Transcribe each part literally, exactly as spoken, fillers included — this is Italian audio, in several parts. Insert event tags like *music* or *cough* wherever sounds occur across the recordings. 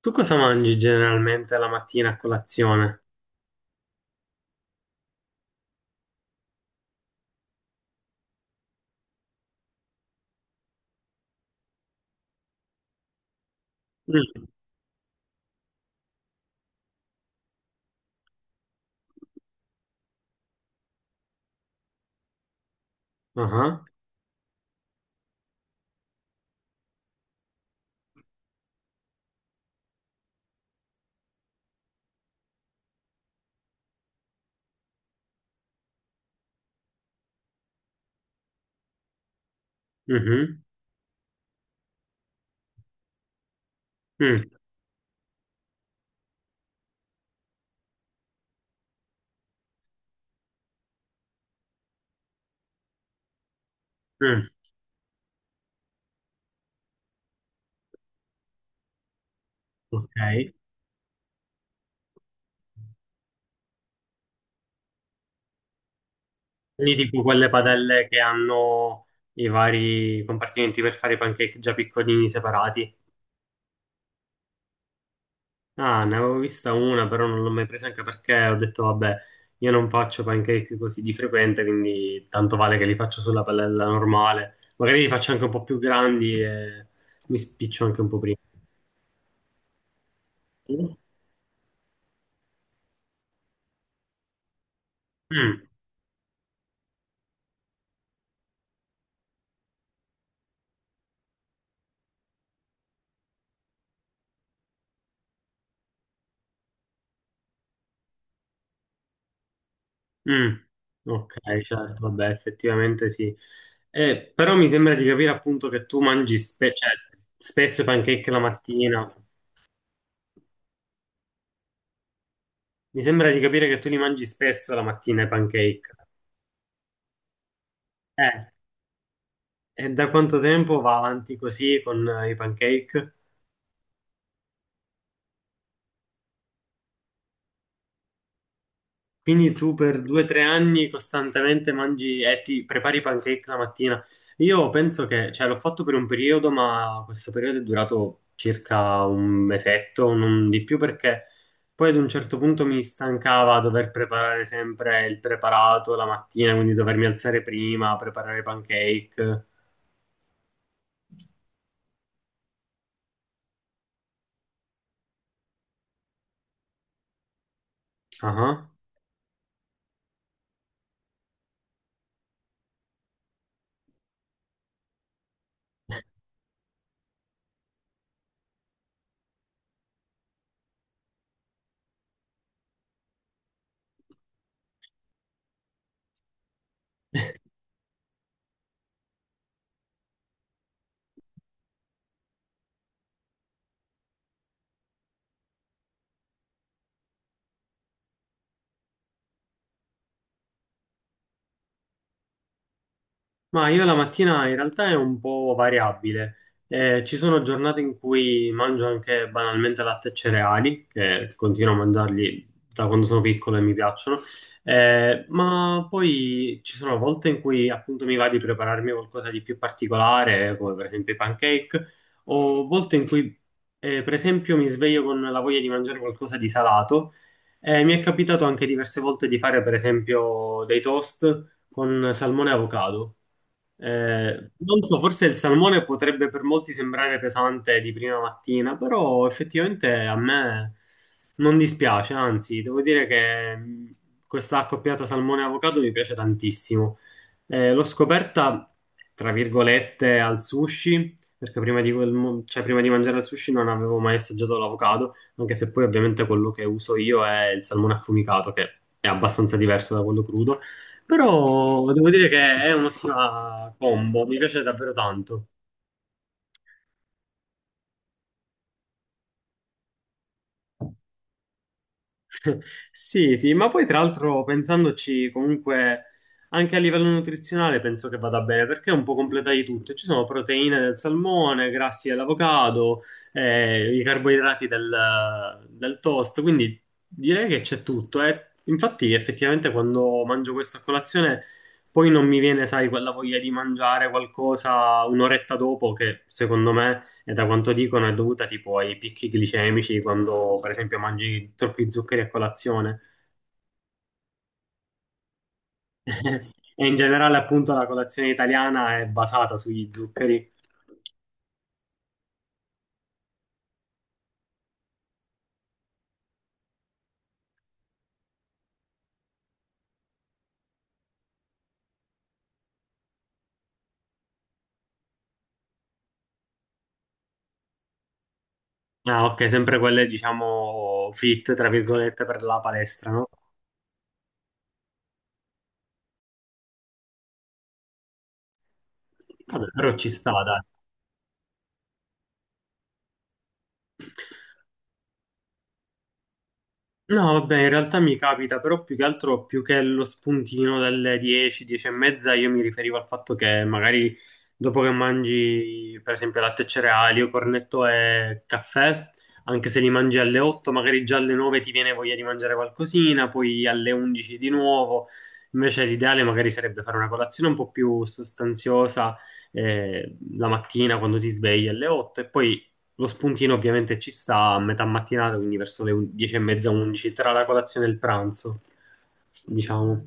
Tu cosa mangi generalmente la mattina a colazione? Mm. Ah, mhm, mm, mm. Ok. Quindi tipo quelle padelle che hanno i vari compartimenti per fare i pancake già piccolini separati. Ah, ne avevo vista una, però non l'ho mai presa anche perché ho detto, vabbè, io non faccio pancake così di frequente, quindi tanto vale che li faccio sulla padella normale. Magari li faccio anche un po' più grandi e mi spiccio anche un po' prima. Mm. Mm, ok, certo, vabbè, effettivamente sì. Eh, però mi sembra di capire appunto che tu mangi spe- cioè, spesso i pancake la mattina. Mi sembra di capire che tu li mangi spesso la mattina i pancake. Eh, e da quanto tempo va avanti così con eh, i pancake? Quindi tu per due o tre anni costantemente mangi e ti prepari i pancake la mattina. Io penso che, cioè, l'ho fatto per un periodo, ma questo periodo è durato circa un mesetto, non di più, perché poi ad un certo punto mi stancava dover preparare sempre il preparato la mattina, quindi dovermi alzare prima, preparare i pancake. Ah. Ma io la mattina in realtà è un po' variabile. Eh, ci sono giornate in cui mangio anche banalmente latte e cereali, che continuo a mangiarli da quando sono piccolo e mi piacciono. Eh, ma poi ci sono volte in cui appunto mi va di prepararmi qualcosa di più particolare, come per esempio i pancake, o volte in cui eh, per esempio mi sveglio con la voglia di mangiare qualcosa di salato. Eh, mi è capitato anche diverse volte di fare per esempio dei toast con salmone e avocado. Eh, non so, forse il salmone potrebbe per molti sembrare pesante di prima mattina, però effettivamente a me non dispiace, anzi, devo dire che mh, questa accoppiata salmone e avocado mi piace tantissimo. Eh, l'ho scoperta, tra virgolette, al sushi, perché prima di, quel mo- cioè, prima di mangiare il sushi non avevo mai assaggiato l'avocado, anche se poi ovviamente quello che uso io è il salmone affumicato, che è abbastanza diverso da quello crudo. Però devo dire che è un'ottima combo, mi piace davvero tanto. *laughs* Sì, sì, ma poi tra l'altro pensandoci comunque anche a livello nutrizionale penso che vada bene perché è un po' completa di tutto. Ci sono proteine del salmone, grassi dell'avocado, eh, i carboidrati del, del toast, quindi direi che c'è tutto. eh. Infatti effettivamente quando mangio questa colazione... Poi non mi viene, sai, quella voglia di mangiare qualcosa un'oretta dopo che secondo me. E da quanto dicono è dovuta tipo ai picchi glicemici quando per esempio mangi troppi zuccheri a colazione. *laughs* E in generale appunto la colazione italiana è basata sugli zuccheri. Ah, ok, sempre quelle diciamo fit, tra virgolette, per la palestra, no? Vabbè, però ci sta, dai. No, vabbè, in realtà mi capita, però più che altro, più che lo spuntino delle dieci, dieci e mezza, io mi riferivo al fatto che magari dopo che mangi, per esempio, latte e cereali o cornetto e caffè, anche se li mangi alle otto, magari già alle nove ti viene voglia di mangiare qualcosina, poi alle undici di nuovo. Invece l'ideale magari sarebbe fare una colazione un po' più sostanziosa eh, la mattina quando ti svegli alle otto e poi lo spuntino ovviamente ci sta a metà mattinata, quindi verso le un- dieci e mezza, undici, tra la colazione e il pranzo, diciamo.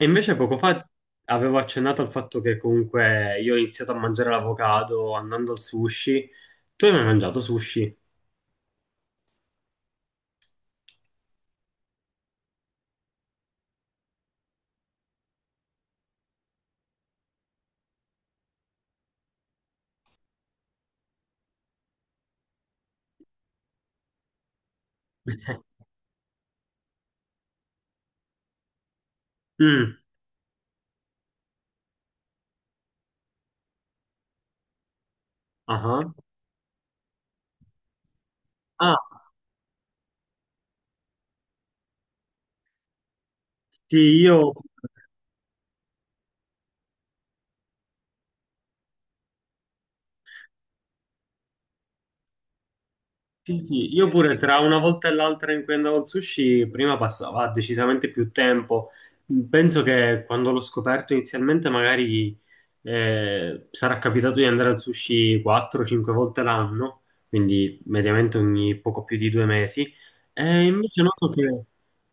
E invece poco fa avevo accennato al fatto che comunque io ho iniziato a mangiare l'avocado andando al sushi. Tu hai mai mangiato sushi? *laughs* Mm, aha. Ah, sì, io, sì, sì, io pure tra una volta e l'altra in cui andavo al sushi, prima passava decisamente più tempo. Penso che quando l'ho scoperto inizialmente magari Eh, sarà capitato di andare al sushi quattro cinque volte l'anno, quindi mediamente ogni poco più di due mesi. E invece noto che,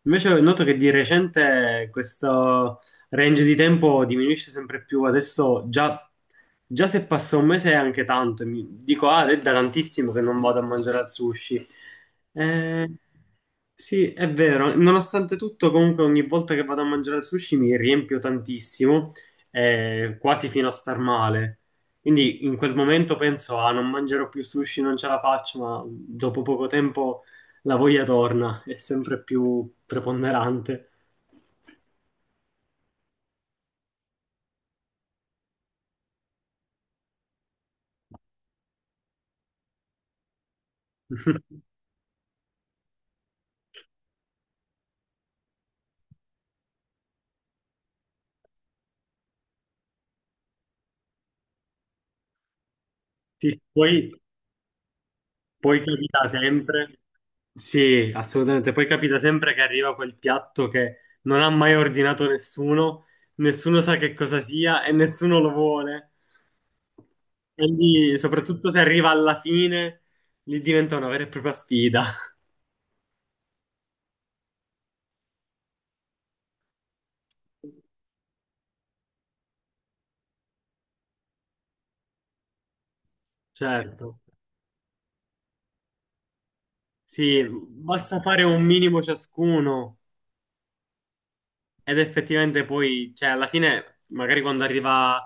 invece noto che di recente questo range di tempo diminuisce sempre più. Adesso già, già se passa un mese è anche tanto. E mi dico, ah, è da tantissimo che non vado a mangiare al sushi. Eh, sì, è vero. Nonostante tutto, comunque ogni volta che vado a mangiare al sushi mi riempio tantissimo eh, quasi fino a star male. Quindi in quel momento penso, ah, non mangerò più sushi, non ce la faccio, ma dopo poco tempo la voglia torna, è sempre più preponderante. *laughs* Sì, poi, poi capita sempre, sì, assolutamente, poi capita sempre che arriva quel piatto che non ha mai ordinato nessuno, nessuno sa che cosa sia e nessuno lo vuole. Quindi, soprattutto se arriva alla fine, lì diventa una vera e propria sfida. Certo, sì, basta fare un minimo ciascuno ed effettivamente poi, cioè alla fine, magari quando arriva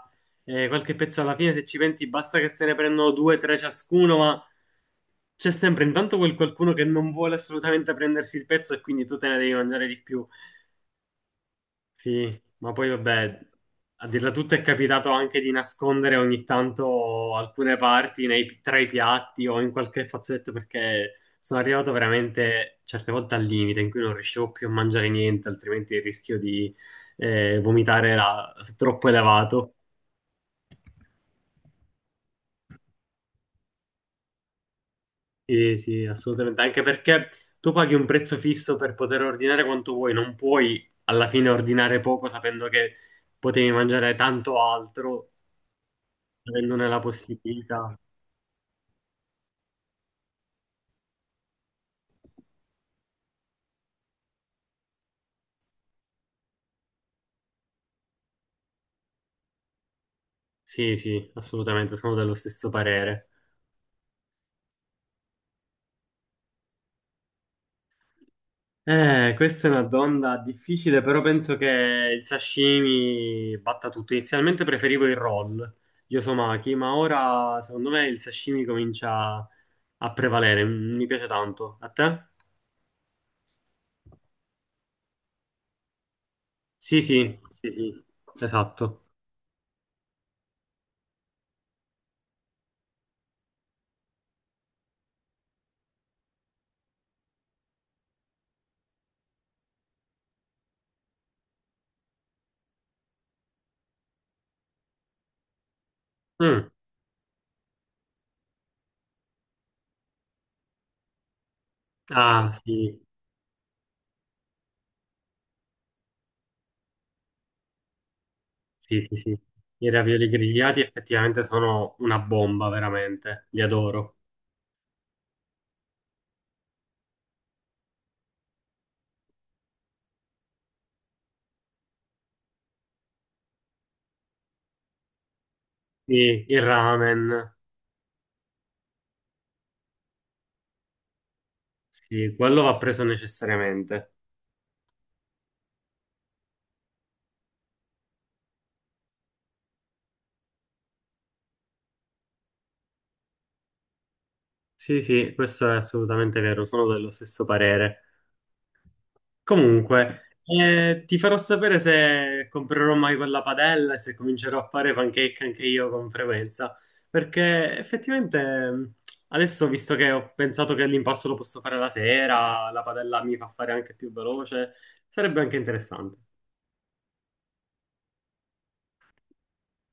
eh, qualche pezzo alla fine, se ci pensi, basta che se ne prendono due, tre ciascuno, ma c'è sempre intanto quel qualcuno che non vuole assolutamente prendersi il pezzo e quindi tu te ne devi mangiare di più. Sì, ma poi vabbè, a dirla tutta è capitato anche di nascondere ogni tanto alcune parti nei- tra i piatti o in qualche fazzoletto perché sono arrivato veramente certe volte al limite in cui non riuscivo più a mangiare niente, altrimenti il rischio di eh, vomitare era troppo elevato. Sì, sì, assolutamente, anche perché tu paghi un prezzo fisso per poter ordinare quanto vuoi, non puoi alla fine ordinare poco sapendo che potevi mangiare tanto altro, avendone la possibilità. Sì, sì, assolutamente, sono dello stesso parere. Eh, questa è una domanda difficile, però penso che il sashimi batta tutto. Inizialmente preferivo il roll, gli osomaki, ma ora secondo me il sashimi comincia a prevalere. M- Mi piace tanto. A te? Sì, sì, sì, sì, esatto. Mm. Ah, sì, sì, sì, sì. I ravioli grigliati effettivamente sono una bomba, veramente. Li adoro. Sì, il ramen. Sì, quello va preso necessariamente. Sì, sì, questo è assolutamente vero, sono dello stesso parere. Comunque, eh, ti farò sapere se comprerò mai quella padella e se comincerò a fare pancake anche io con frequenza, perché effettivamente mh, adesso, visto che ho pensato che l'impasto lo posso fare la sera, la padella mi fa fare anche più veloce, sarebbe anche interessante.